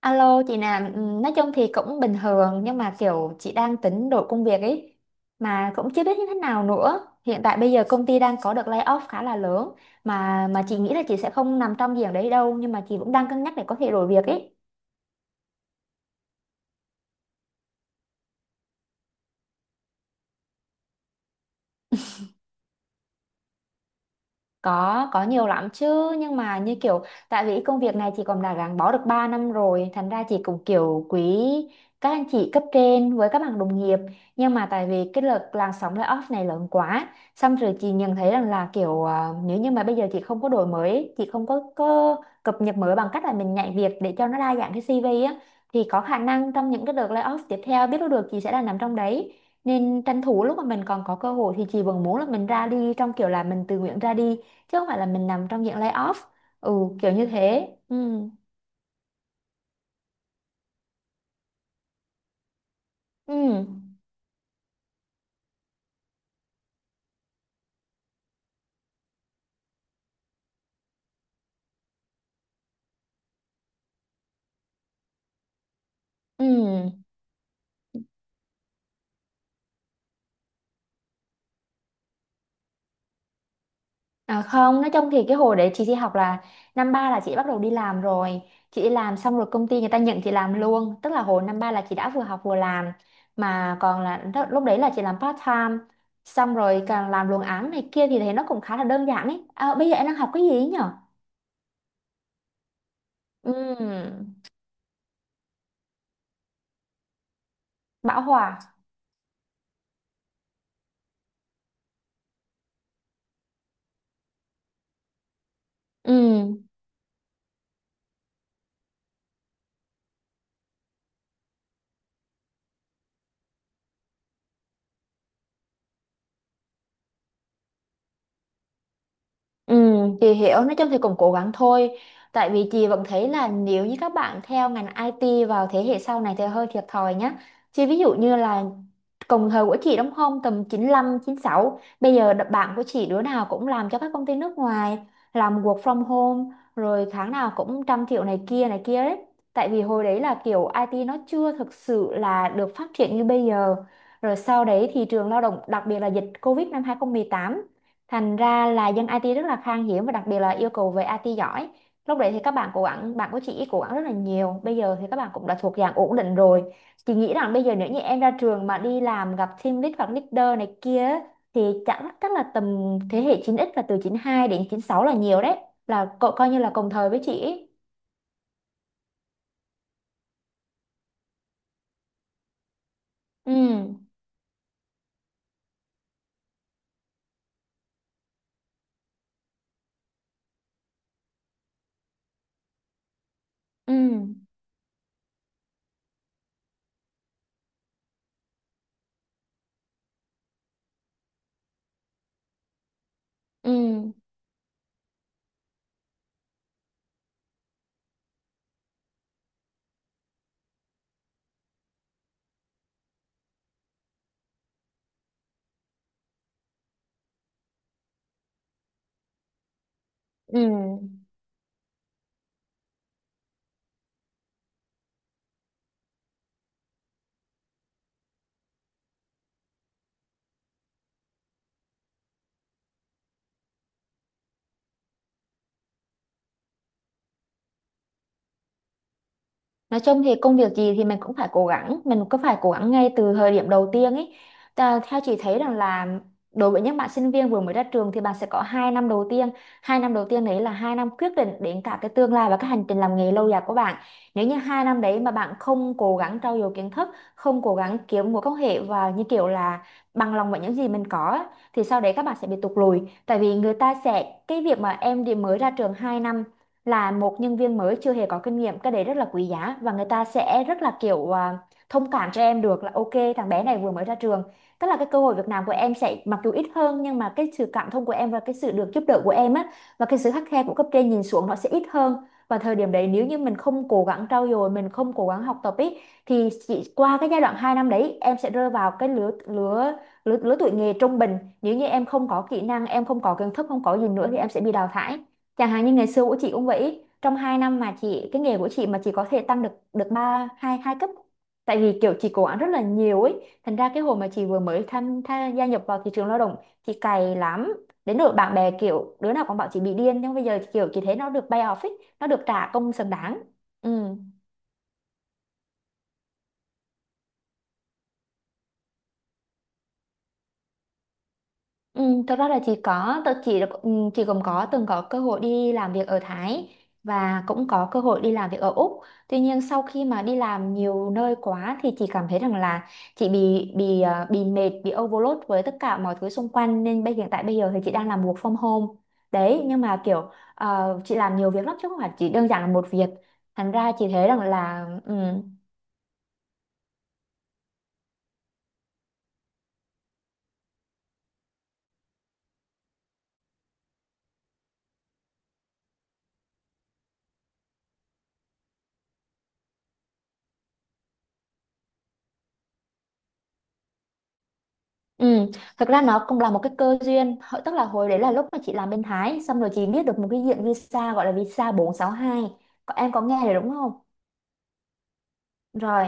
Alo chị Nam, ừ, nói chung thì cũng bình thường nhưng mà kiểu chị đang tính đổi công việc ấy mà cũng chưa biết như thế nào nữa. Hiện tại bây giờ công ty đang có được layoff khá là lớn mà chị nghĩ là chị sẽ không nằm trong diện đấy đâu nhưng mà chị cũng đang cân nhắc để có thể đổi việc ý. Có nhiều lắm chứ nhưng mà như kiểu tại vì công việc này chị còn đã gắn bó được 3 năm rồi thành ra chị cũng kiểu quý các anh chị cấp trên với các bạn đồng nghiệp, nhưng mà tại vì cái lượt làn sóng layoff này lớn quá, xong rồi chị nhận thấy rằng là kiểu à, nếu như mà bây giờ chị không có đổi mới, chị không có cập nhật mới bằng cách là mình nhảy việc để cho nó đa dạng cái CV á, thì có khả năng trong những cái đợt layoff tiếp theo biết đâu được chị sẽ là nằm trong đấy, nên tranh thủ lúc mà mình còn có cơ hội thì chị vẫn muốn là mình ra đi trong kiểu là mình tự nguyện ra đi chứ không phải là mình nằm trong dạng lay off. Ừ, kiểu như thế. Ừ. Ừ. Ừ. À, không, nói chung thì cái hồi đấy chị đi học là năm ba là chị bắt đầu đi làm rồi. Chị đi làm xong rồi công ty người ta nhận chị làm luôn, tức là hồi năm ba là chị đã vừa học vừa làm, mà còn là lúc đấy là chị làm part time, xong rồi càng làm luồng án này kia thì thấy nó cũng khá là đơn giản ấy. À, bây giờ em đang học cái gì ấy nhở? Ừ. Bảo Hòa. Ừ. Ừ, chị hiểu, nói chung thì cũng cố gắng thôi, tại vì chị vẫn thấy là nếu như các bạn theo ngành IT vào thế hệ sau này thì hơi thiệt thòi nhá, chứ ví dụ như là cùng thời của chị, đúng không, tầm 95, 96 bây giờ bạn của chị đứa nào cũng làm cho các công ty nước ngoài, làm work from home rồi tháng nào cũng 100 triệu này kia đấy. Tại vì hồi đấy là kiểu IT nó chưa thực sự là được phát triển như bây giờ, rồi sau đấy thị trường lao động đặc biệt là dịch Covid năm 2018. Thành ra là dân IT rất là khan hiếm và đặc biệt là yêu cầu về IT giỏi. Lúc đấy thì các bạn cố gắng, bạn của chị cố gắng rất là nhiều. Bây giờ thì các bạn cũng đã thuộc dạng ổn định rồi. Chị nghĩ rằng bây giờ nếu như em ra trường mà đi làm gặp team lead hoặc leader này kia thì chắc chắc là tầm thế hệ 9x, là từ 92 đến 96 là nhiều đấy. Là coi như là cùng thời với chị ấy. Ừ. Ừ. Ừ. Ừ. Nói chung thì công việc gì thì mình cũng phải cố gắng, mình cũng phải cố gắng ngay từ thời điểm đầu tiên ấy. Theo chị thấy rằng là đối với những bạn sinh viên vừa mới ra trường thì bạn sẽ có 2 năm đầu tiên. 2 năm đầu tiên đấy là 2 năm quyết định đến cả cái tương lai và cái hành trình làm nghề lâu dài của bạn. Nếu như 2 năm đấy mà bạn không cố gắng trau dồi kiến thức, không cố gắng kiếm mối quan hệ và như kiểu là bằng lòng với những gì mình có á, thì sau đấy các bạn sẽ bị tụt lùi. Tại vì người ta sẽ, cái việc mà em đi mới ra trường 2 năm là một nhân viên mới chưa hề có kinh nghiệm, cái đấy rất là quý giá và người ta sẽ rất là kiểu à, thông cảm cho em được là ok thằng bé này vừa mới ra trường, tức là cái cơ hội việc làm của em sẽ mặc dù ít hơn nhưng mà cái sự cảm thông của em và cái sự được giúp đỡ của em á và cái sự khắt khe của cấp trên nhìn xuống nó sẽ ít hơn. Và thời điểm đấy nếu như mình không cố gắng trau dồi, mình không cố gắng học tập ý, thì chỉ qua cái giai đoạn 2 năm đấy em sẽ rơi vào cái lứa tuổi nghề trung bình, nếu như em không có kỹ năng, em không có kiến thức, không có gì nữa thì em sẽ bị đào thải. Chẳng hạn như ngày xưa của chị cũng vậy, trong 2 năm mà chị, cái nghề của chị mà chị có thể tăng được được ba hai hai cấp. Tại vì kiểu chị cố gắng rất là nhiều ấy, thành ra cái hồi mà chị vừa mới tha gia nhập vào thị trường lao động, chị cày lắm. Đến nỗi bạn bè kiểu đứa nào cũng bảo chị bị điên, nhưng bây giờ kiểu chị thấy nó được pay off ấy, nó được trả công xứng đáng. Ừ. Ừ, thật ra là chị có tự chị là ừ, chị cũng có từng có cơ hội đi làm việc ở Thái và cũng có cơ hội đi làm việc ở Úc. Tuy nhiên sau khi mà đi làm nhiều nơi quá thì chị cảm thấy rằng là chị bị mệt, bị overload với tất cả mọi thứ xung quanh, nên hiện tại bây giờ thì chị đang làm work from home. Đấy, nhưng mà kiểu ờ, chị làm nhiều việc lắm chứ không phải chỉ đơn giản là một việc. Thành ra chị thấy rằng là ừ. Ừ, thật ra nó cũng là một cái cơ duyên. Tức là hồi đấy là lúc mà chị làm bên Thái xong rồi chị biết được một cái diện visa gọi là visa 462, có em có nghe rồi đúng không. Rồi,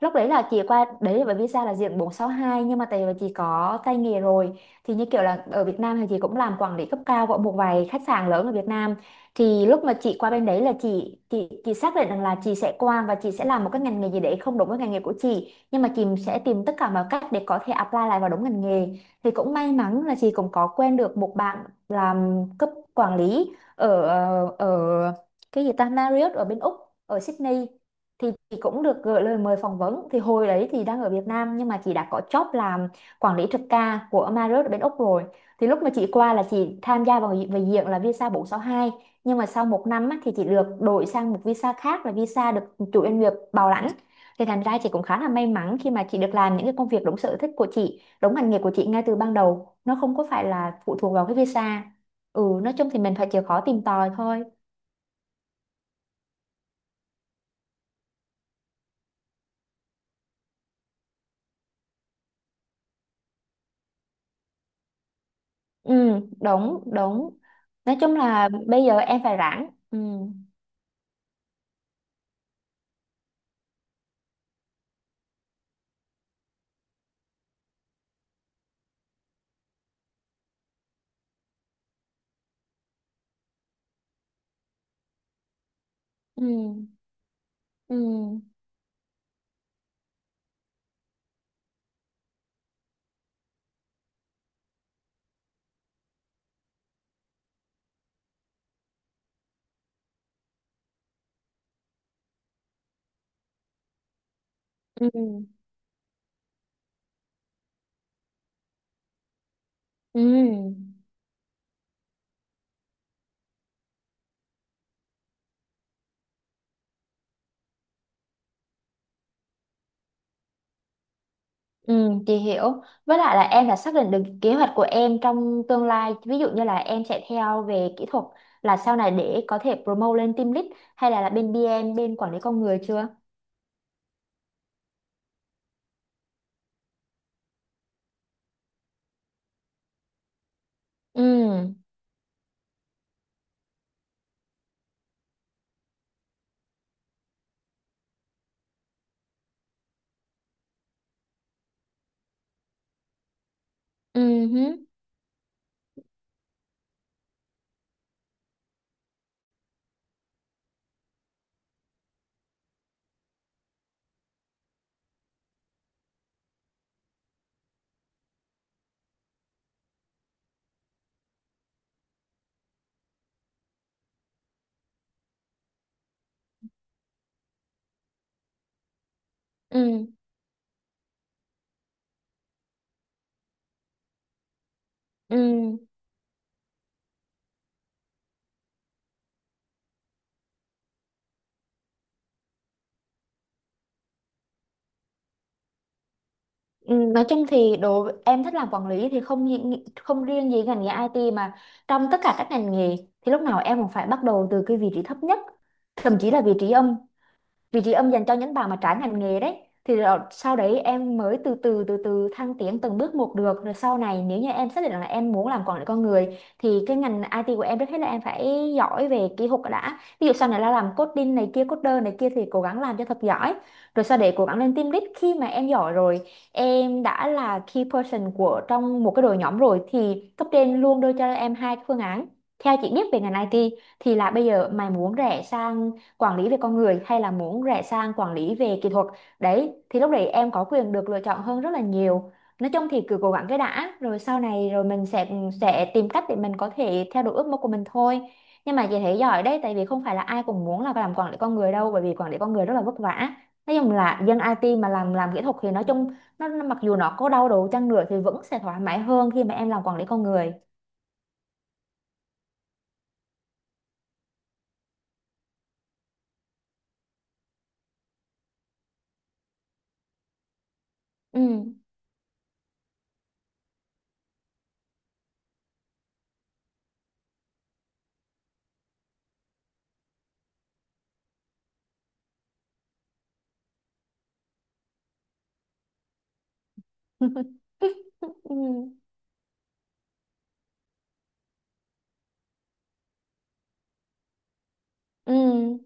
lúc đấy là chị qua đấy là bởi vì sao là diện bốn sáu hai, nhưng mà tại vì chị có tay nghề rồi, thì như kiểu là ở Việt Nam thì chị cũng làm quản lý cấp cao của một vài khách sạn lớn ở Việt Nam, thì lúc mà chị qua bên đấy là chị xác định rằng là chị sẽ qua và chị sẽ làm một cái ngành nghề gì đấy không đúng với ngành nghề của chị, nhưng mà chị sẽ tìm tất cả mọi cách để có thể apply lại vào đúng ngành nghề. Thì cũng may mắn là chị cũng có quen được một bạn làm cấp quản lý ở ờ, ở cái gì ta Marriott ở bên Úc, ở Sydney, thì chị cũng được gửi lời mời phỏng vấn. Thì hồi đấy thì đang ở Việt Nam nhưng mà chị đã có job làm quản lý trực ca của Marriott ở bên Úc rồi. Thì lúc mà chị qua là chị tham gia vào về diện là visa bốn sáu hai, nhưng mà sau 1 năm á, thì chị được đổi sang một visa khác là visa được chủ doanh nghiệp bảo lãnh. Thì thành ra chị cũng khá là may mắn khi mà chị được làm những cái công việc đúng sở thích của chị, đúng ngành nghề của chị ngay từ ban đầu, nó không có phải là phụ thuộc vào cái visa. Ừ, nói chung thì mình phải chịu khó tìm tòi thôi. Ừ, đúng đúng. Nói chung là bây giờ em phải rảnh. Ừ. Ừ. Ừ. Ừ. Ừ. Ừ. Chị hiểu, với lại là em đã xác định được kế hoạch của em trong tương lai, ví dụ như là em sẽ theo về kỹ thuật là sau này để có thể promote lên team lead, hay là, bên BM bên quản lý con người chưa? Ừ. Ừ hứ. Ừ. Ừ. Ừ, nói chung thì đồ em thích làm quản lý thì không riêng gì ngành nghề IT mà trong tất cả các ngành nghề thì lúc nào em cũng phải bắt đầu từ cái vị trí thấp nhất, thậm chí là vị trí âm. Vị trí âm dành cho những bạn mà trái ngành nghề đấy. Thì rồi sau đấy em mới từ từ từ từ thăng tiến từng bước một được. Rồi sau này nếu như em xác định là em muốn làm quản lý con người thì cái ngành IT của em, trước hết là em phải giỏi về kỹ thuật đã, ví dụ sau này là làm coding này kia, coder này kia thì cố gắng làm cho thật giỏi, rồi sau để cố gắng lên team lead. Khi mà em giỏi rồi, em đã là key person của trong một cái đội nhóm rồi thì cấp trên luôn đưa cho em hai cái phương án, theo chị biết về ngành IT, thì là bây giờ mày muốn rẽ sang quản lý về con người hay là muốn rẽ sang quản lý về kỹ thuật. Đấy, thì lúc đấy em có quyền được lựa chọn hơn rất là nhiều. Nói chung thì cứ cố gắng cái đã, rồi sau này rồi mình sẽ tìm cách để mình có thể theo đuổi ước mơ của mình thôi. Nhưng mà chị thấy giỏi đấy, tại vì không phải là ai cũng muốn là làm quản lý con người đâu, bởi vì quản lý con người rất là vất vả. Nói chung là dân IT mà làm kỹ thuật thì nói chung mặc dù nó có đau đầu chăng nữa thì vẫn sẽ thoải mái hơn khi mà em làm quản lý con người. Ừ. Ừ. Ừ.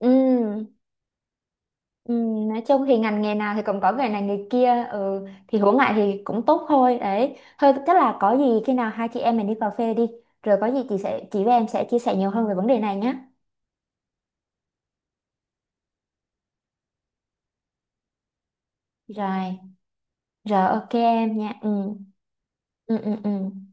Ừ. Ừ, nói chung thì ngành nghề nào thì cũng có nghề này nghề kia, ừ, thì hướng lại thì cũng tốt thôi đấy thôi. Chắc là có gì khi nào hai chị em mình đi cà phê đi. Rồi có gì chị sẽ, chị với em sẽ chia sẻ nhiều hơn về vấn đề này nhé. Rồi. Rồi ok em nha. Ừ. Ừ. Ừ. Ừ.